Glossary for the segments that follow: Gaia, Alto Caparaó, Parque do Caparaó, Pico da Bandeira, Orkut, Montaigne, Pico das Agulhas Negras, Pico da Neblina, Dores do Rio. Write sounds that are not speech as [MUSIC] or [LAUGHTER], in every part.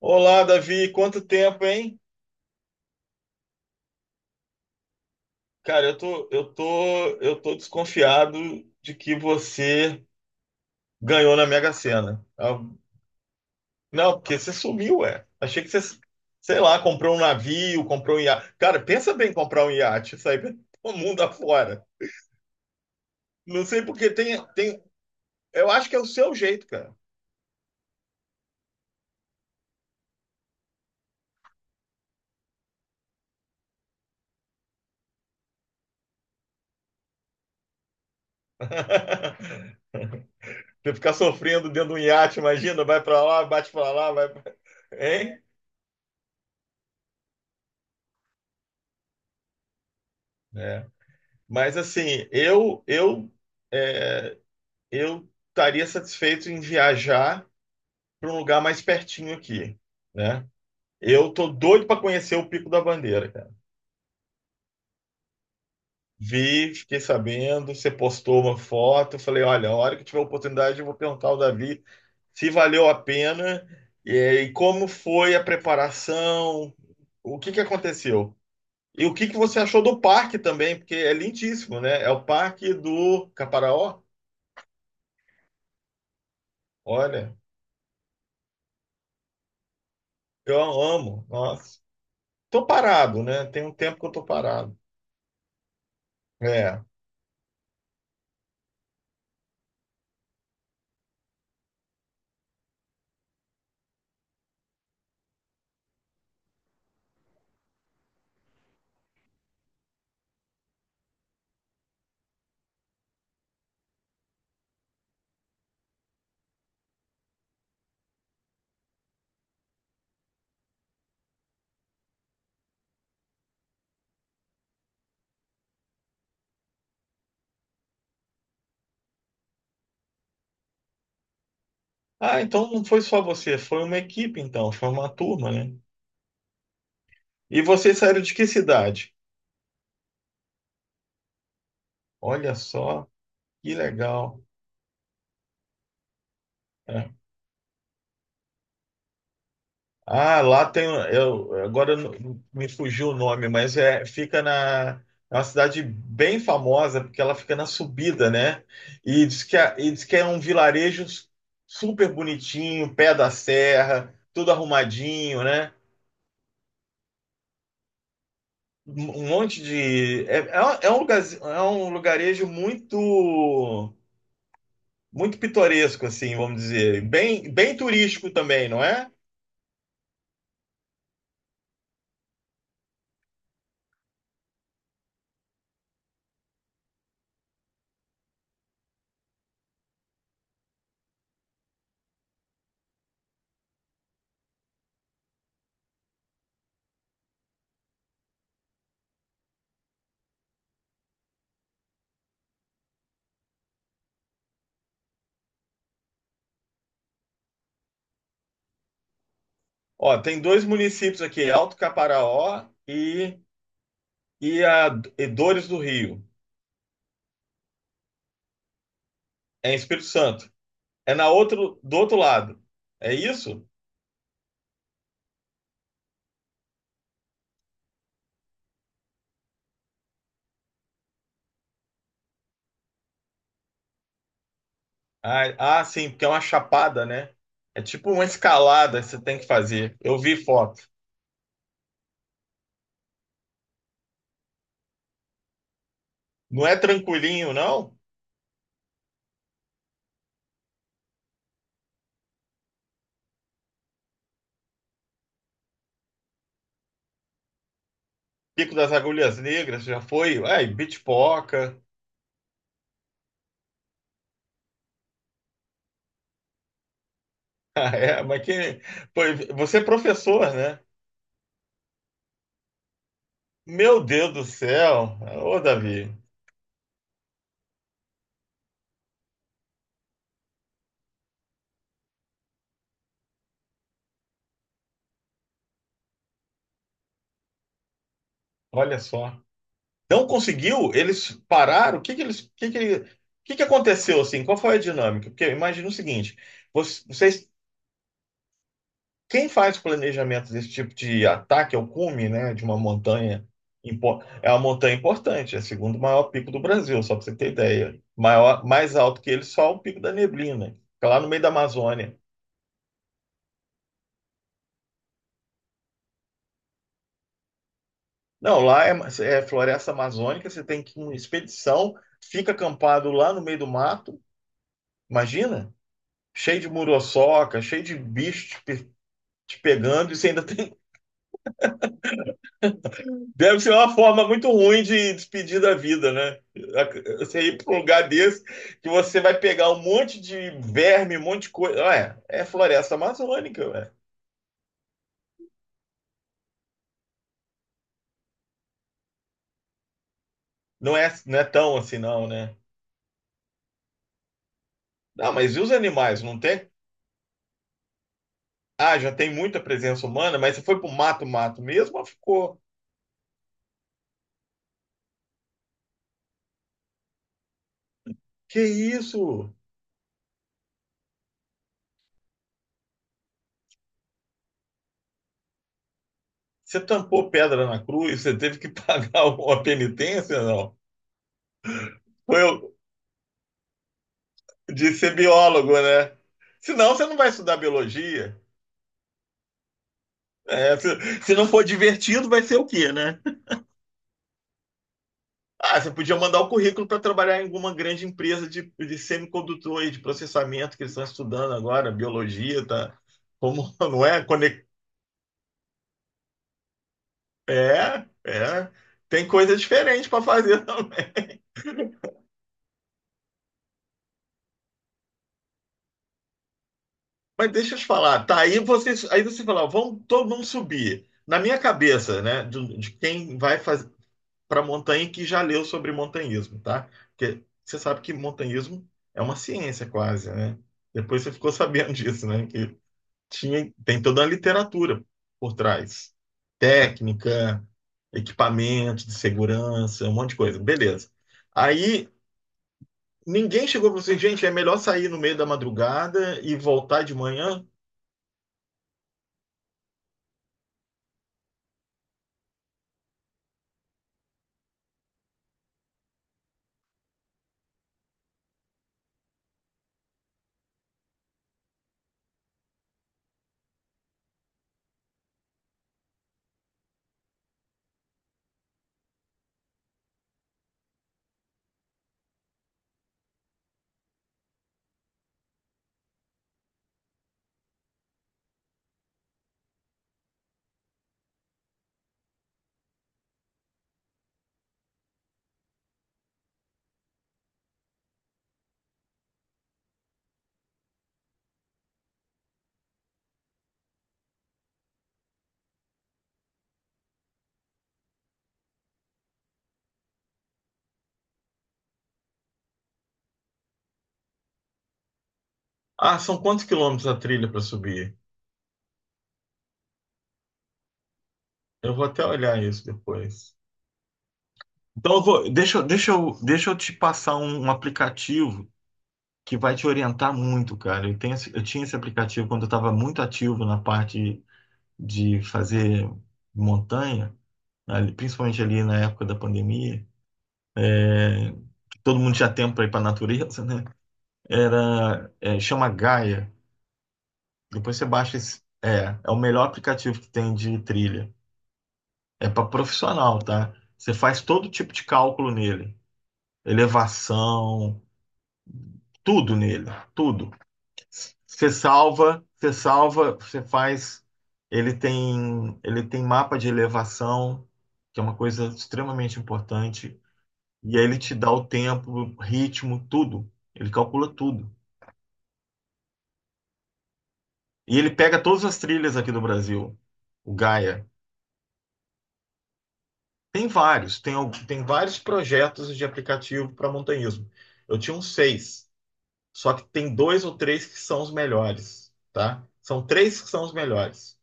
Olá, Davi, quanto tempo, hein? Cara, eu tô desconfiado de que você ganhou na Mega Sena. Ah, não, porque você sumiu, ué. Sei lá, comprou um navio, comprou um iate. Cara, pensa bem em comprar um iate, sair pelo [LAUGHS] mundo afora. Não sei porque eu acho que é o seu jeito, cara. [LAUGHS] Você ficar sofrendo dentro de um iate, imagina, vai pra lá, bate pra lá, hein? É. Mas assim, eu é, eu estaria satisfeito em viajar para um lugar mais pertinho aqui, né? Eu tô doido para conhecer o Pico da Bandeira, cara. Vi, fiquei sabendo, você postou uma foto, falei, olha, a hora que tiver oportunidade eu vou perguntar ao Davi se valeu a pena e como foi a preparação, o que que aconteceu? E o que que você achou do parque também, porque é lindíssimo, né? É o Parque do Caparaó. Olha, eu amo, nossa. Tô parado, né? Tem um tempo que eu tô parado. É. Ah, então não foi só você, foi uma equipe, então, foi uma turma, né? E vocês saíram de que cidade? Olha só, que legal. É. Ah, lá tem. Eu, agora eu não- me fugiu o nome, mas é, fica na. É uma cidade bem famosa, porque ela fica na subida, né? E diz que, é- e diz que é um vilarejo super bonitinho, pé da serra, tudo arrumadinho, né? um um monte de. É, é, é um lugar, é um lugarejo muito pitoresco, assim, vamos dizer. Bem, bem turístico também, não é? Ó, tem dois municípios aqui, Alto Caparaó e, a, e Dores do Rio. É em Espírito Santo. É na outro, do outro lado. É isso? Ah, ah, sim, porque é uma chapada, né? É tipo uma escalada que você tem que fazer. Eu vi foto. Não é tranquilinho, não? Pico das Agulhas Negras, já foi? Ai, Bitpoca. [LAUGHS] Ah, é, mas que. Pô, você é professor, né? Meu Deus do céu! Ô, Davi, olha só. Não conseguiu? Eles pararam? O que que eles. O que que aconteceu assim? Qual foi a dinâmica? Porque imagina o seguinte: vo- vocês Quem faz o planejamento desse tipo de ataque ao cume, né, de uma montanha, é uma montanha importante, é o segundo maior pico do Brasil, só para você ter ideia. Maior, mais alto que ele, só o Pico da Neblina, que é lá no meio da Amazônia. Não, é floresta amazônica, você tem que ir em uma expedição, fica acampado lá no meio do mato, imagina? Cheio de muriçoca, cheio de te pegando, e você ainda [LAUGHS] tem deve ser uma forma muito ruim de despedir da vida, né? Você ir para um lugar desse que você vai pegar um monte de verme, um monte de coisa. Ué, é floresta amazônica, ué. Não é, não é tão assim, não, né? Ah, mas e os animais? Não tem? Ah, já tem muita presença humana, mas você foi pro mato, mato mesmo, ou ficou. Que isso? Você tampou pedra na cruz? Você teve que [LAUGHS] pagar uma penitência, não? Foi o- de ser biólogo, né? Senão você não vai estudar biologia. É, se não for divertido, vai ser o quê, né? Ah, você podia mandar o currículo para trabalhar em alguma grande empresa de semicondutor e de processamento que eles estão estudando agora, biologia, tá? Como, [LAUGHS] não é? Conec- é, é. Tem coisa diferente para fazer [LAUGHS] também. Mas deixa eu te falar, tá? Aí você fala, vamos todo mundo subir. Na minha cabeça, né, quem vai fazer? Para Montaigne que já leu sobre montanhismo, tá? Porque você sabe que montanhismo é uma ciência quase, né? Depois você ficou [LAUGHS] sabendo disso, né? Que tem toda a literatura por trás. Técnica, equipamento de segurança, um monte de coisa. Beleza. Aí ninguém chegou para você, gente, é melhor sair no meio da madrugada e voltar de manhã? Ah, são quantos quilômetros a trilha para subir? Eu vou até olhar isso depois. Então, eu vou, deixa eu te passar um aplicativo que vai te orientar muito, cara. Eu, tenho, esse- eu tinha esse aplicativo quando eu estava muito ativo na parte de fazer montanha, ali- principalmente ali na época da pandemia. Todo mundo tinha tempo para ir para a natureza, né? Era, é, chama Gaia. Depois você baixa esse. É, é o melhor aplicativo que tem de trilha. É para profissional, tá? Você faz todo tipo de cálculo nele, elevação, tudo nele, tudo. Você faz. Ele tem mapa de elevação, que é uma coisa extremamente importante. E aí ele te dá o tempo, o ritmo, tudo. Ele calcula tudo. E ele pega todas as trilhas aqui do Brasil, o Gaia. Tem vários, tem, al- tem vários projetos de aplicativo para montanhismo. Eu tinha uns seis, só que tem dois ou três que são os melhores, tá? São três que são os melhores.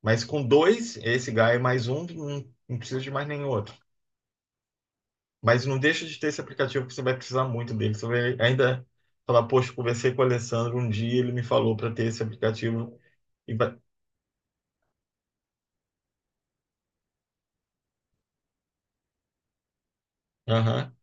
Mas com dois, esse Gaia mais um, não precisa de mais nenhum outro. Mas não deixa de ter esse aplicativo que você vai precisar muito dele. Você vai ainda falar, poxa, conversei com o Alessandro um dia, ele me falou para ter esse aplicativo. E vai... Aham,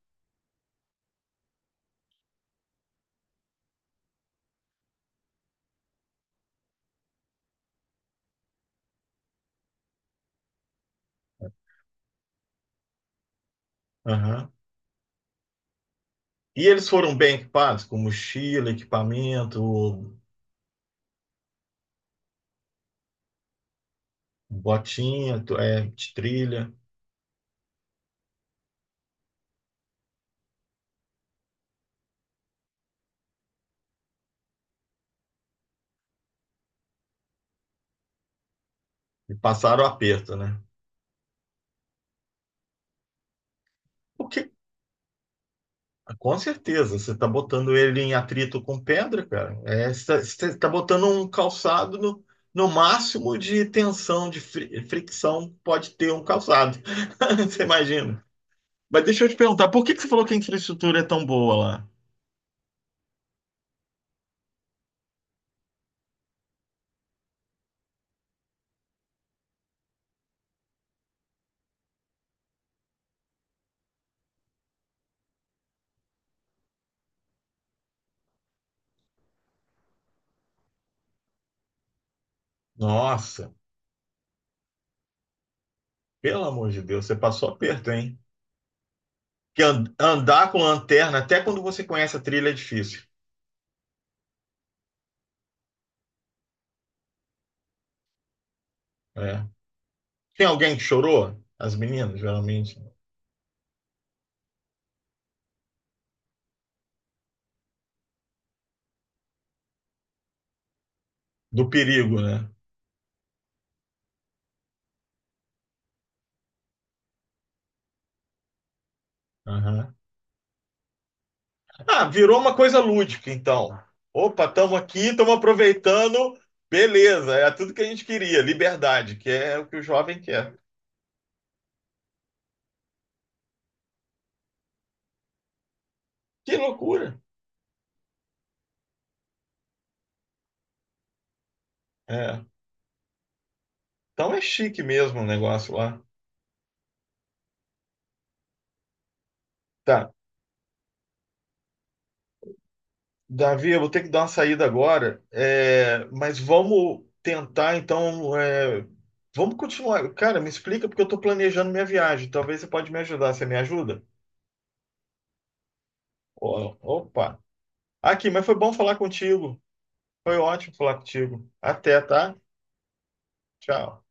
aham. E eles foram bem equipados, com mochila, equipamento, botinha, tu- é, de trilha, e passaram o aperto, né? O que com certeza, você está botando ele em atrito com pedra, cara. É, você está botando um calçado no, no máximo de tensão, de fricção que pode ter um calçado. [LAUGHS] Você imagina? Mas deixa eu te perguntar, por que que você falou que a infraestrutura é tão boa lá? Nossa, pelo amor de Deus, você passou aperto, hein? Que andar com lanterna, até quando você conhece a trilha, é difícil. É. Tem alguém que chorou? As meninas, geralmente. Do perigo, né? Ah, virou uma coisa lúdica, então. Opa, estamos aqui, estamos aproveitando. Beleza, é tudo que a gente queria, liberdade, que é o que o jovem quer. Que loucura! É. Então é chique mesmo o negócio lá. Tá, Davi, eu vou ter que dar uma saída agora, é, mas vamos tentar, então, é, vamos continuar. Cara, me explica porque eu estou planejando minha viagem. Talvez você pode me ajudar. Você me ajuda? Ó, opa! Aqui, mas foi bom falar contigo. Foi ótimo falar contigo. Até, tá? Tchau.